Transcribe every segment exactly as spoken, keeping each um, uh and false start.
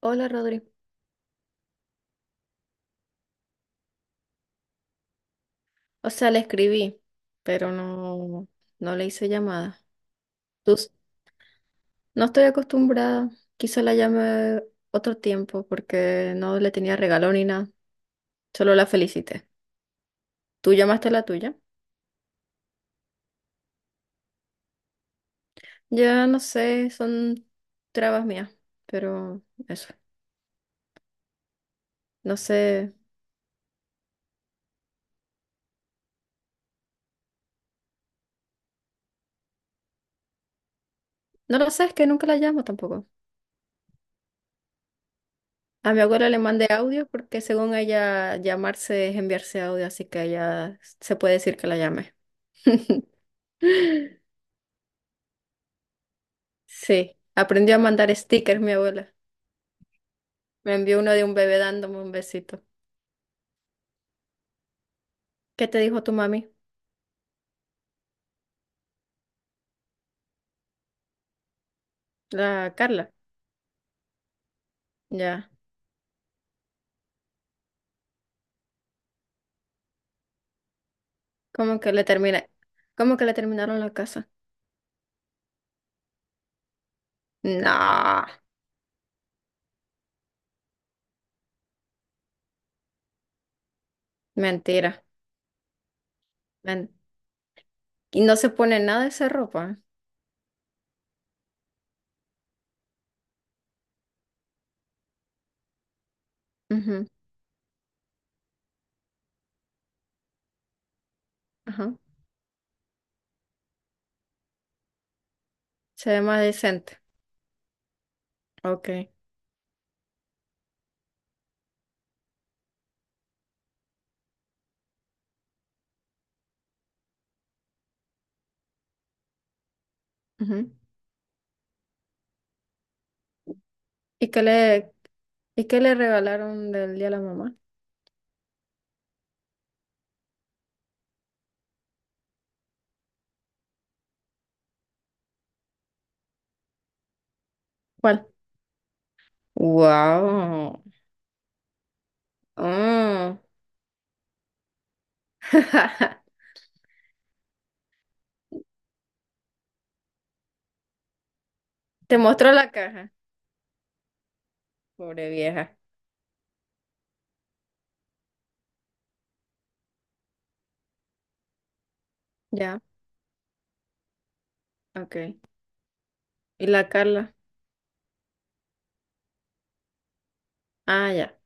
Hola Rodri. O sea, le escribí, pero no, no le hice llamada. Tus- no estoy acostumbrada. Quizá la llame otro tiempo porque no le tenía regalo ni nada. Solo la felicité. ¿Tú llamaste a la tuya? Ya no sé, son trabas mías, pero eso. No sé. No lo sé, es que nunca la llamo tampoco. A mi abuela le mandé audio porque según ella llamarse es enviarse audio, así que ella se puede decir que la llame. Sí, aprendió a mandar stickers mi abuela. Me envió uno de un bebé dándome un besito. ¿Qué te dijo tu mami? La Carla. Ya. ¿Cómo que le termina? ¿Cómo que le terminaron la casa? No, mentira. Men- Y no se pone nada de esa ropa. ¿Eh? Ujú. Ajá. Se ve más decente. Ok. Ujú. ¿Y qué le, y qué le regalaron del día a la mamá? ¿Cuál? Wow. Te mostró la caja. Pobre vieja. Ya. Ok. ¿Y la Carla? Ah, ya.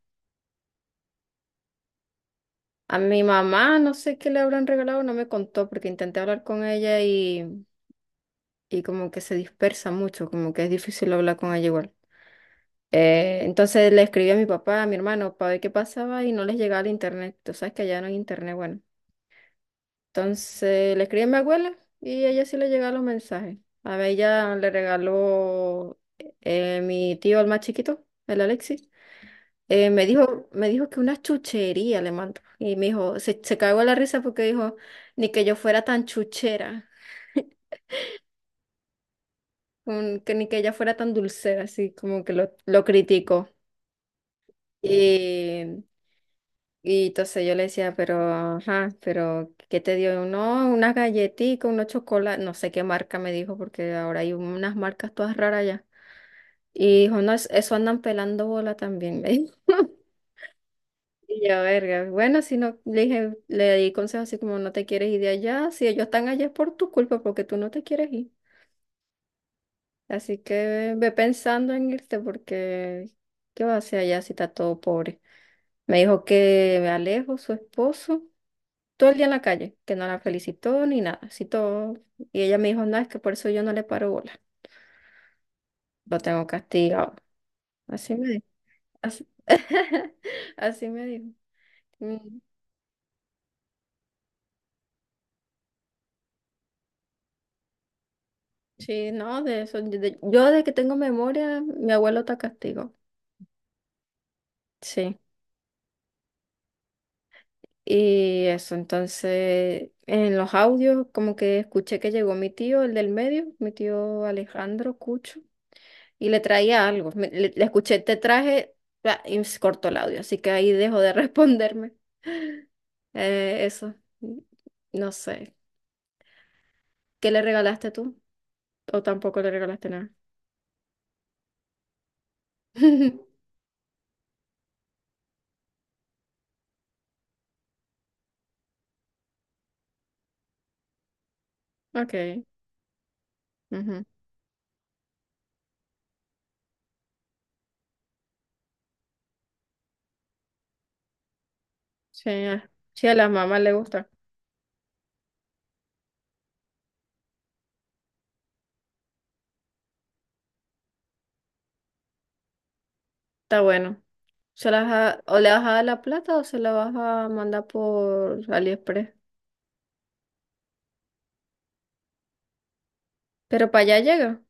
A mi mamá no sé qué le habrán regalado, no me contó porque intenté hablar con ella y, y como que se dispersa mucho, como que es difícil hablar con ella igual. Eh, entonces le escribí a mi papá, a mi hermano, para ver qué pasaba y no les llegaba el internet. Tú sabes que allá no hay internet, bueno. Entonces le escribí a mi abuela y a ella sí le llegaban los mensajes. A ella le regaló eh, mi tío, el más chiquito, el Alexis. Eh, me dijo, me dijo que una chuchería le mandó. Y me dijo, se, se cagó la risa porque dijo, ni que yo fuera tan chuchera, un- que ni que ella fuera tan dulcera, así como que lo, lo criticó. Y, y entonces yo le decía, pero, ajá, pero, ¿qué te dio? No, unas galletitas, unos chocolates, no sé qué marca me dijo, porque ahora hay unas marcas todas raras ya. Y dijo, no, es- eso andan pelando bola también, me dijo. Y yo, verga, bueno, si no, le dije, le di consejos así como no te quieres ir de allá, si ellos están allá es por tu culpa, porque tú no te quieres ir. Así que ve pensando en irte, porque ¿qué va a hacer allá si está todo pobre? Me dijo que me alejo, su esposo, todo el día en la calle, que no la felicitó ni nada, así todo. Y ella me dijo, no, es que por eso yo no le paro bola, lo tengo castigado. Así me dijo, así, así me dijo. Mm. Sí, no, de eso. Yo de, yo de que tengo memoria, mi abuelo está castigo. Sí. Y eso, entonces, en los audios, como que escuché que llegó mi tío, el del medio, mi tío Alejandro Cucho, y le traía algo. Me- le, le escuché, te traje, bla, y se cortó el audio, así que ahí dejó de responderme. Eh, eso, no sé. ¿Qué le regalaste tú? ¿O tampoco le regalaste nada? Ok. Ujú. Sí, a- sí, a la mamá le gusta. Está bueno. Se las va- o le vas a dar la plata o se la vas a mandar por AliExpress. Pero para allá llega.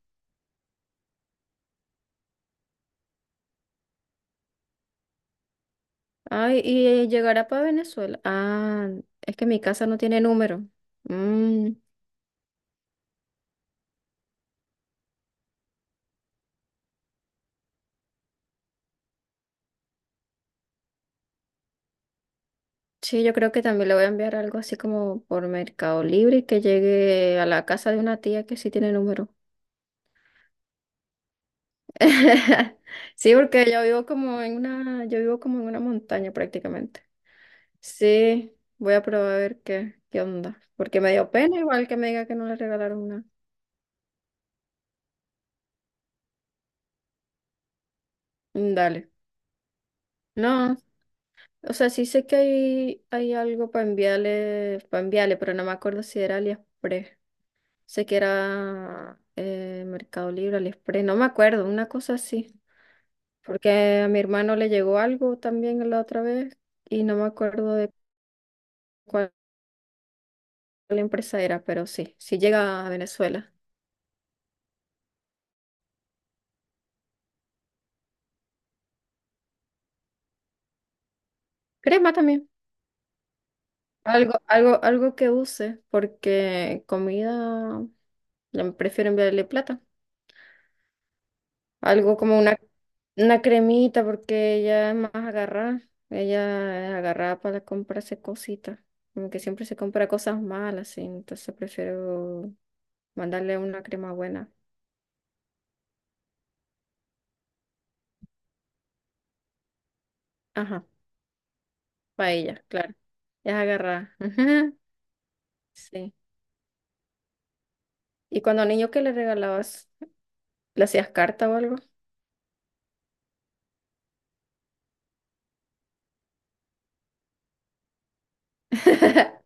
Ay, y llegará para Venezuela. Ah, es que mi casa no tiene número. Mm, sí, yo creo que también le voy a enviar algo así como por Mercado Libre y que llegue a la casa de una tía que sí tiene número. Sí, porque yo vivo como en una, yo vivo como en una montaña prácticamente. Sí, voy a probar a ver qué, qué onda. Porque me dio pena igual que me diga que no le regalaron nada. Mm. Dale. No, o sea, sí sé que hay, hay algo para enviarle, para enviarle, pero no me acuerdo si era AliExpress. Sé que era eh, Mercado Libre, AliExpress, no me acuerdo, una cosa así. Porque a mi hermano le llegó algo también la otra vez y no me acuerdo de cuál empresa era, pero sí, sí llega a Venezuela. Crema también. Algo, algo, algo que use, porque comida, ya me prefiero enviarle plata. Algo como una, una cremita, porque ella es más agarrada. Ella es agarrada para comprarse cositas. Como que siempre se compra cosas malas, sí. Entonces prefiero mandarle una crema buena. Ajá, para ella, claro. Ella es agarrada. Sí. ¿Y cuando niño qué le regalabas? ¿Le hacías carta o algo?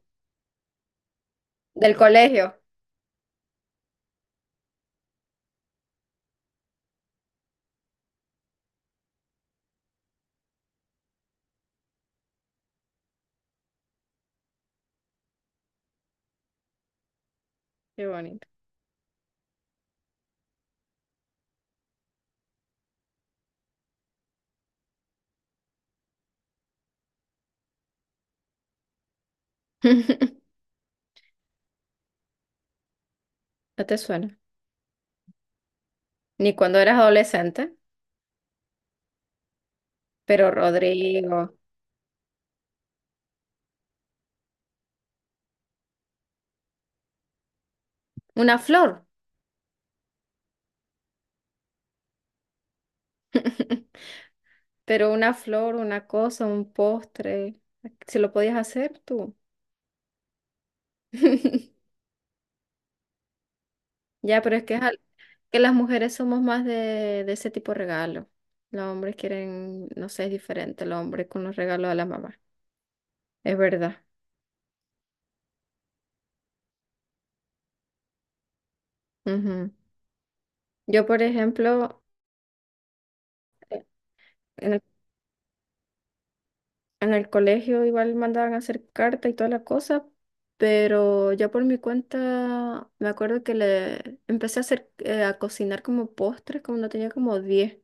Del colegio. Qué bonito. No te suena. Ni cuando eras adolescente, pero Rodrigo. Una flor. Pero una flor, una cosa, un postre, si lo podías hacer tú. Ya, pero es que, es al- que las mujeres somos más de, de ese tipo de regalo. Los hombres quieren, no sé, es diferente el hombre con los regalos de la mamá. Es verdad. Ujú. Yo, por ejemplo, eh, en el, en el colegio igual mandaban a hacer carta y toda la cosa, pero yo por mi cuenta me acuerdo que le empecé a hacer, eh, a cocinar como postres, como no tenía como diez.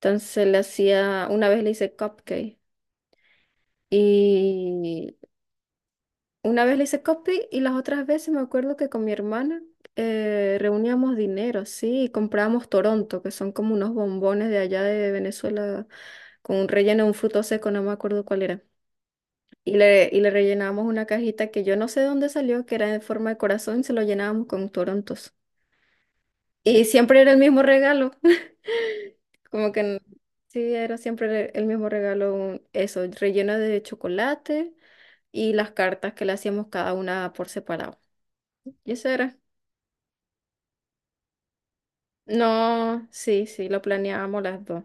Entonces le hacía, una vez le hice cupcake y una vez le hice cupcake y las otras veces me acuerdo que con mi hermana eh, reuníamos dinero, sí, y comprábamos Toronto, que son como unos bombones de allá de Venezuela con un relleno de un fruto seco, no me acuerdo cuál era. Y le, y le rellenábamos una cajita que yo no sé de dónde salió, que era en forma de corazón, y se lo llenábamos con Torontos. Y siempre era el mismo regalo. Como que n- sí, era siempre el mismo regalo, un- eso, relleno de chocolate y las cartas que le hacíamos cada una por separado. Y eso era. No, sí, sí, lo planeábamos las dos.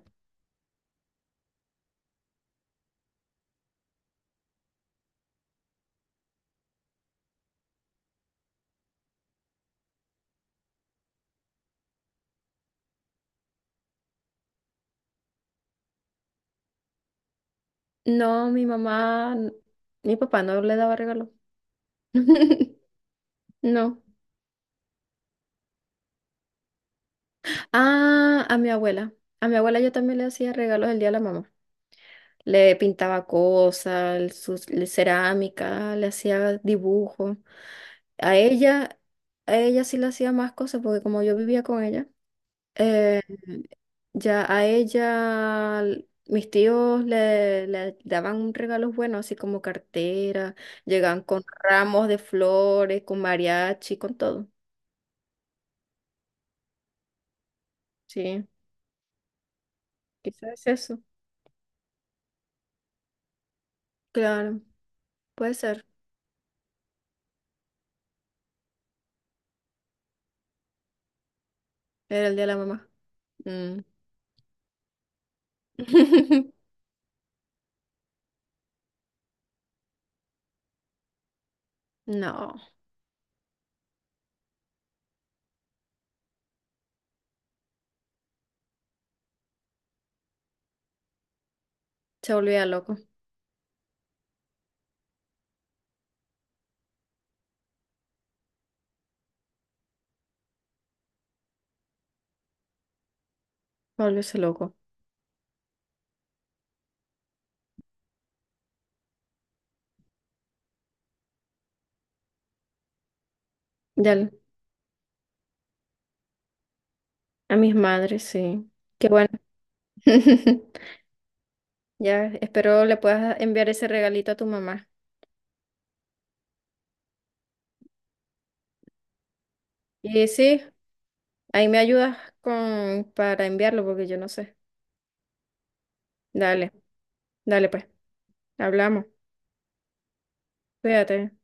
No, mi mamá, n- mi papá no le daba regalo. No. Ah, a mi abuela. A mi abuela yo también le hacía regalos el día de la mamá. Le pintaba cosas, sus- le- cerámica, le hacía dibujos. A ella, a ella sí le hacía más cosas porque como yo vivía con ella, eh, ya a ella l- mis tíos le, le daban regalos buenos, así como cartera, llegaban con ramos de flores, con mariachi, con todo. Sí, quizás es eso. Claro, puede ser. Era el día de la mamá. Mm. No, se volvía loco, volvióse loco. Ya, a mis madres, sí. Qué bueno. Ya, espero le puedas enviar ese regalito a tu mamá. Y sí, ahí me ayudas con para enviarlo porque yo no sé. Dale, dale pues, hablamos. Cuídate.